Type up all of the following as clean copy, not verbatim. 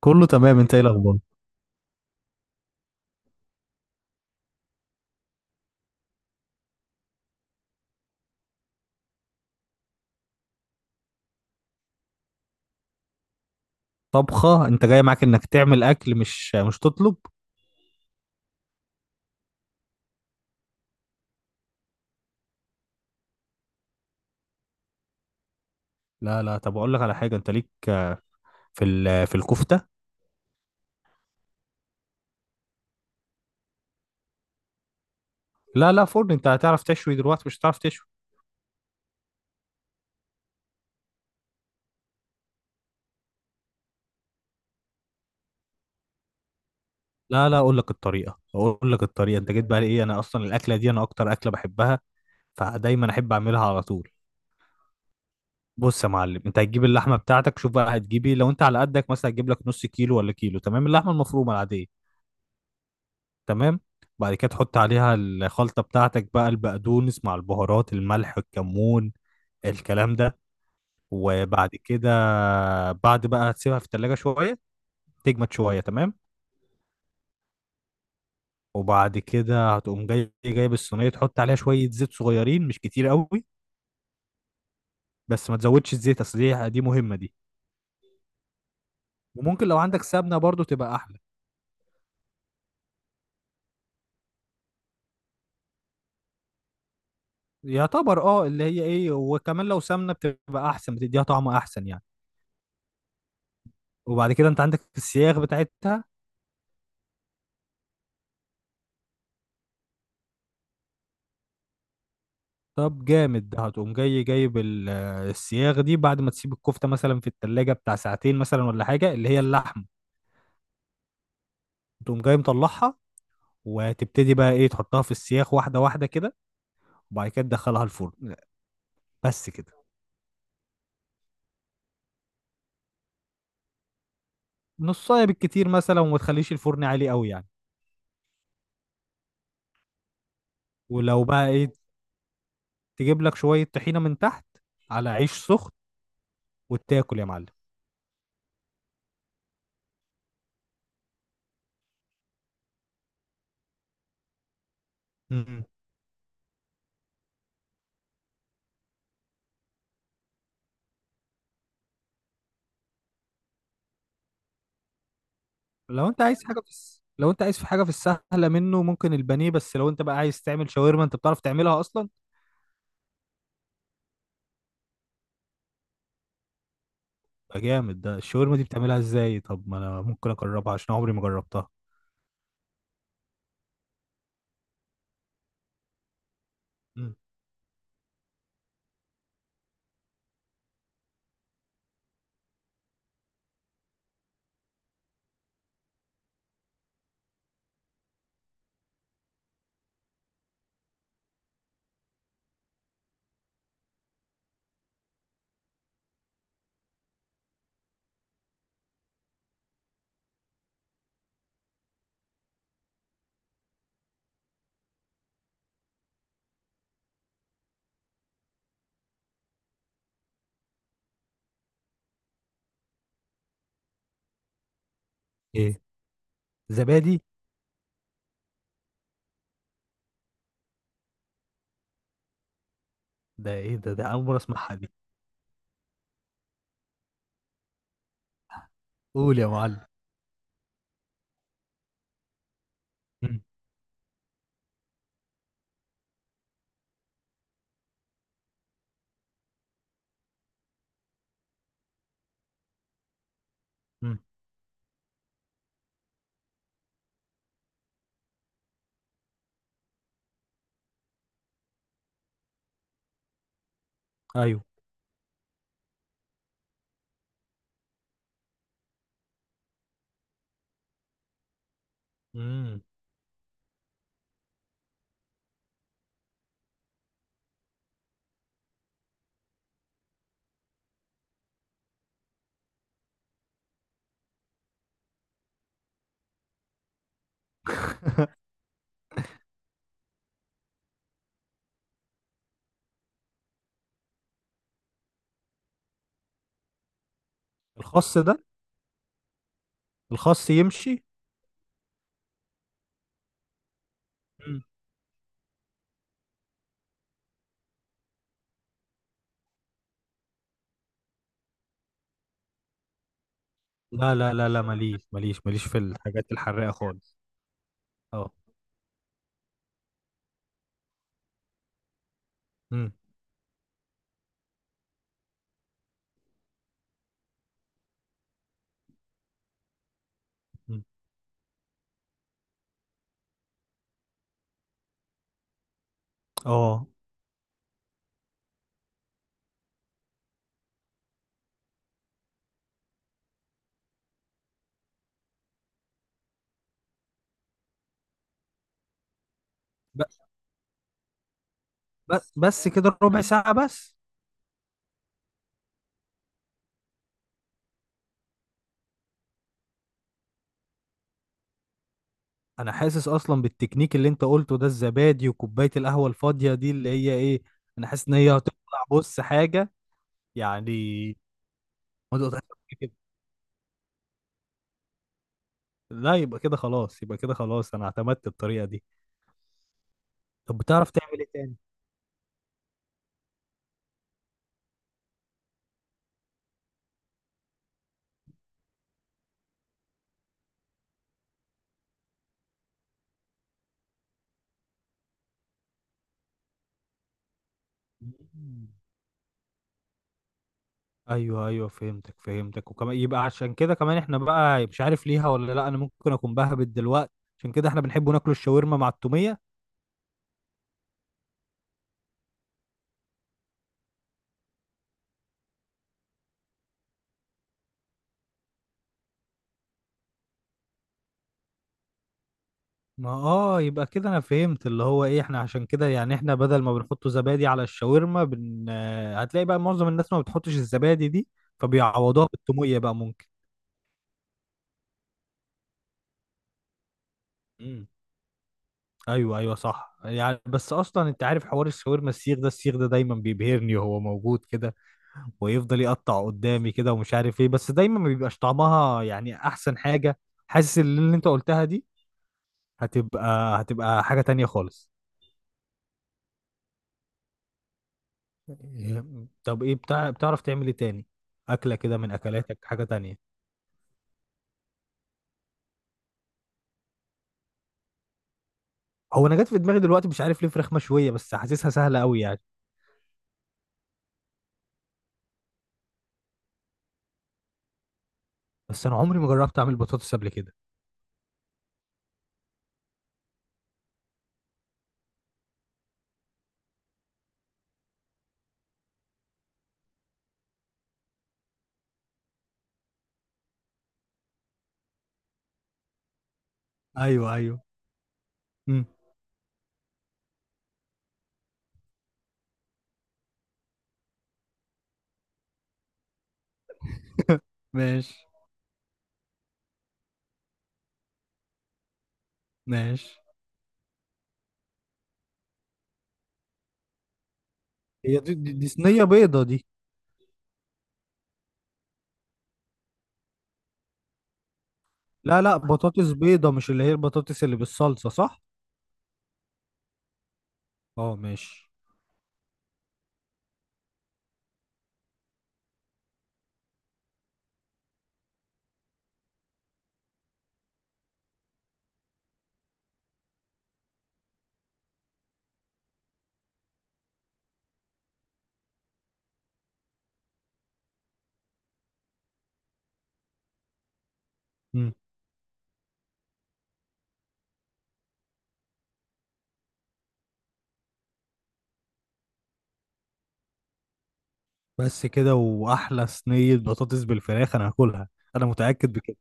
كله تمام، انت ايه الاخبار؟ طبخه؟ انت جاي معاك انك تعمل اكل مش تطلب؟ لا، طب اقول لك على حاجه. انت ليك في في الكفته. لا، فرن. انت هتعرف تشوي دلوقتي؟ مش هتعرف تشوي. لا، اقول لك الطريقه، اقول لك الطريقه. انت جيت بقى، ايه، انا اصلا الاكله دي انا اكتر اكله بحبها، فدايما احب اعملها على طول. بص يا معلم، انت هتجيب اللحمه بتاعتك، شوف بقى هتجيبي لو انت على قدك مثلا هتجيب لك نص كيلو ولا كيلو، تمام؟ اللحمه المفرومه العاديه، تمام. بعد كده تحط عليها الخلطه بتاعتك بقى، البقدونس مع البهارات، الملح، الكمون، الكلام ده. وبعد كده، بعد بقى هتسيبها في التلاجة شوية تجمد شوية، تمام. وبعد كده هتقوم جاي جايب الصينية، تحط عليها شوية زيت صغيرين، مش كتير قوي، بس ما تزودش الزيت اصل دي مهمة دي. وممكن لو عندك سمنة برضو تبقى احلى. يعتبر، اه، اللي هي ايه، وكمان لو سمنة بتبقى احسن، بتديها طعم احسن يعني. وبعد كده انت عندك السياخ بتاعتها. طب جامد، هتقوم جاي جايب السياخ دي بعد ما تسيب الكفتة مثلا في التلاجة بتاع ساعتين مثلا ولا حاجة، اللي هي اللحمة، تقوم جاي مطلعها وتبتدي بقى ايه، تحطها في السياخ واحده واحده كده، وبعد كده تدخلها الفرن. بس كده. نصايه بالكتير مثلا، وما تخليش الفرن عالي قوي يعني. ولو بقى ايه، تجيب لك شويه طحينه من تحت على عيش سخن وتاكل يا معلم. مم. لو انت عايز حاجه في لو انت عايز في حاجه في السهله منه، ممكن البانيه. بس لو انت بقى عايز تعمل شاورما، انت بتعرف تعملها اصلا؟ يبقى جامد. ده الشاورما دي بتعملها ازاي؟ طب ما انا ممكن اجربها، عشان عمري ما جربتها. مم. ايه؟ زبادي؟ ده ايه ده اول مره اسمعها دي. قول يا معلم. مم. مم. ايوه. مم. الخاص ده. الخاص يمشي. مم. لا لا لا لا، ماليش ماليش ماليش في الحاجات الحراقه خالص. اه. مم. مم. اه. ب- بس كده، ربع ساعه بس؟ انا حاسس اصلا بالتكنيك اللي انت قلته ده، الزبادي وكوبايه القهوه الفاضيه دي، اللي هي ايه، انا حاسس ان هي هتطلع، بص، حاجه يعني. ما تقدرش تقول كده. لا، يبقى كده خلاص، يبقى كده خلاص، انا اعتمدت الطريقه دي. طب بتعرف تعمل ايه تاني؟ مم. ايوه ايوه، فهمتك فهمتك. وكمان يبقى عشان كده، كمان احنا بقى، مش عارف ليها ولا لا، انا ممكن اكون بهبت دلوقتي، عشان كده احنا بنحب ناكل الشاورما مع التوميه. ما اه، يبقى كده انا فهمت اللي هو ايه، احنا عشان كده يعني، احنا بدل ما بنحط زبادي على الشاورما بن... آه، هتلاقي بقى معظم الناس ما بتحطش الزبادي دي، فبيعوضوها بالتوميه بقى، ممكن. ايوه ايوه صح يعني. بس اصلا انت عارف، حوار الشاورما السيخ ده، السيخ ده دايما بيبهرني وهو موجود كده، ويفضل يقطع قدامي كده ومش عارف ايه، بس دايما ما بيبقاش طعمها يعني احسن حاجة. حاسس ان اللي انت قلتها دي هتبقى حاجة تانية خالص. طب ايه بتاع، بتعرف تعمل ايه تاني، اكلة كده من اكلاتك، حاجة تانية؟ هو انا جت في دماغي دلوقتي مش عارف ليه فراخ مشوية، بس حاسسها سهلة قوي يعني. بس انا عمري ما جربت اعمل بطاطس قبل كده. ايوه ايوه. مم. ماشي. ماشي. هي دي صينية بيضة دي؟ لا لا، بطاطس بيضة، مش اللي هي البطاطس اللي بالصلصة، صح؟ اه ماشي. مم. بس كده، وأحلى صينية بطاطس بالفراخ أنا هاكلها. أنا متأكد بكده.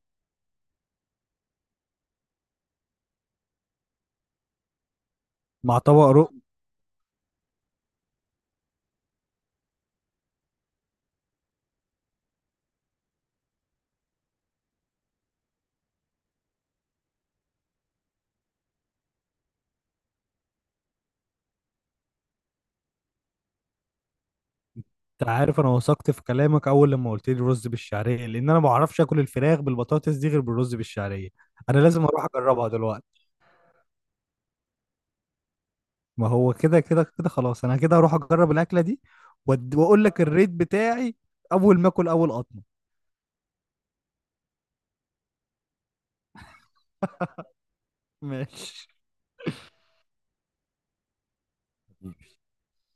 مع طبق رق. أنت عارف أنا وثقت في كلامك أول لما قلت لي رز بالشعرية، لأن أنا ما بعرفش آكل الفراخ بالبطاطس دي غير بالرز بالشعرية. أنا لازم أروح أجربها دلوقتي. ما هو كده كده كده خلاص، أنا كده هروح أجرب الأكلة دي وأقول لك الريت بتاعي أول ما آكل أول قطمة. ماشي.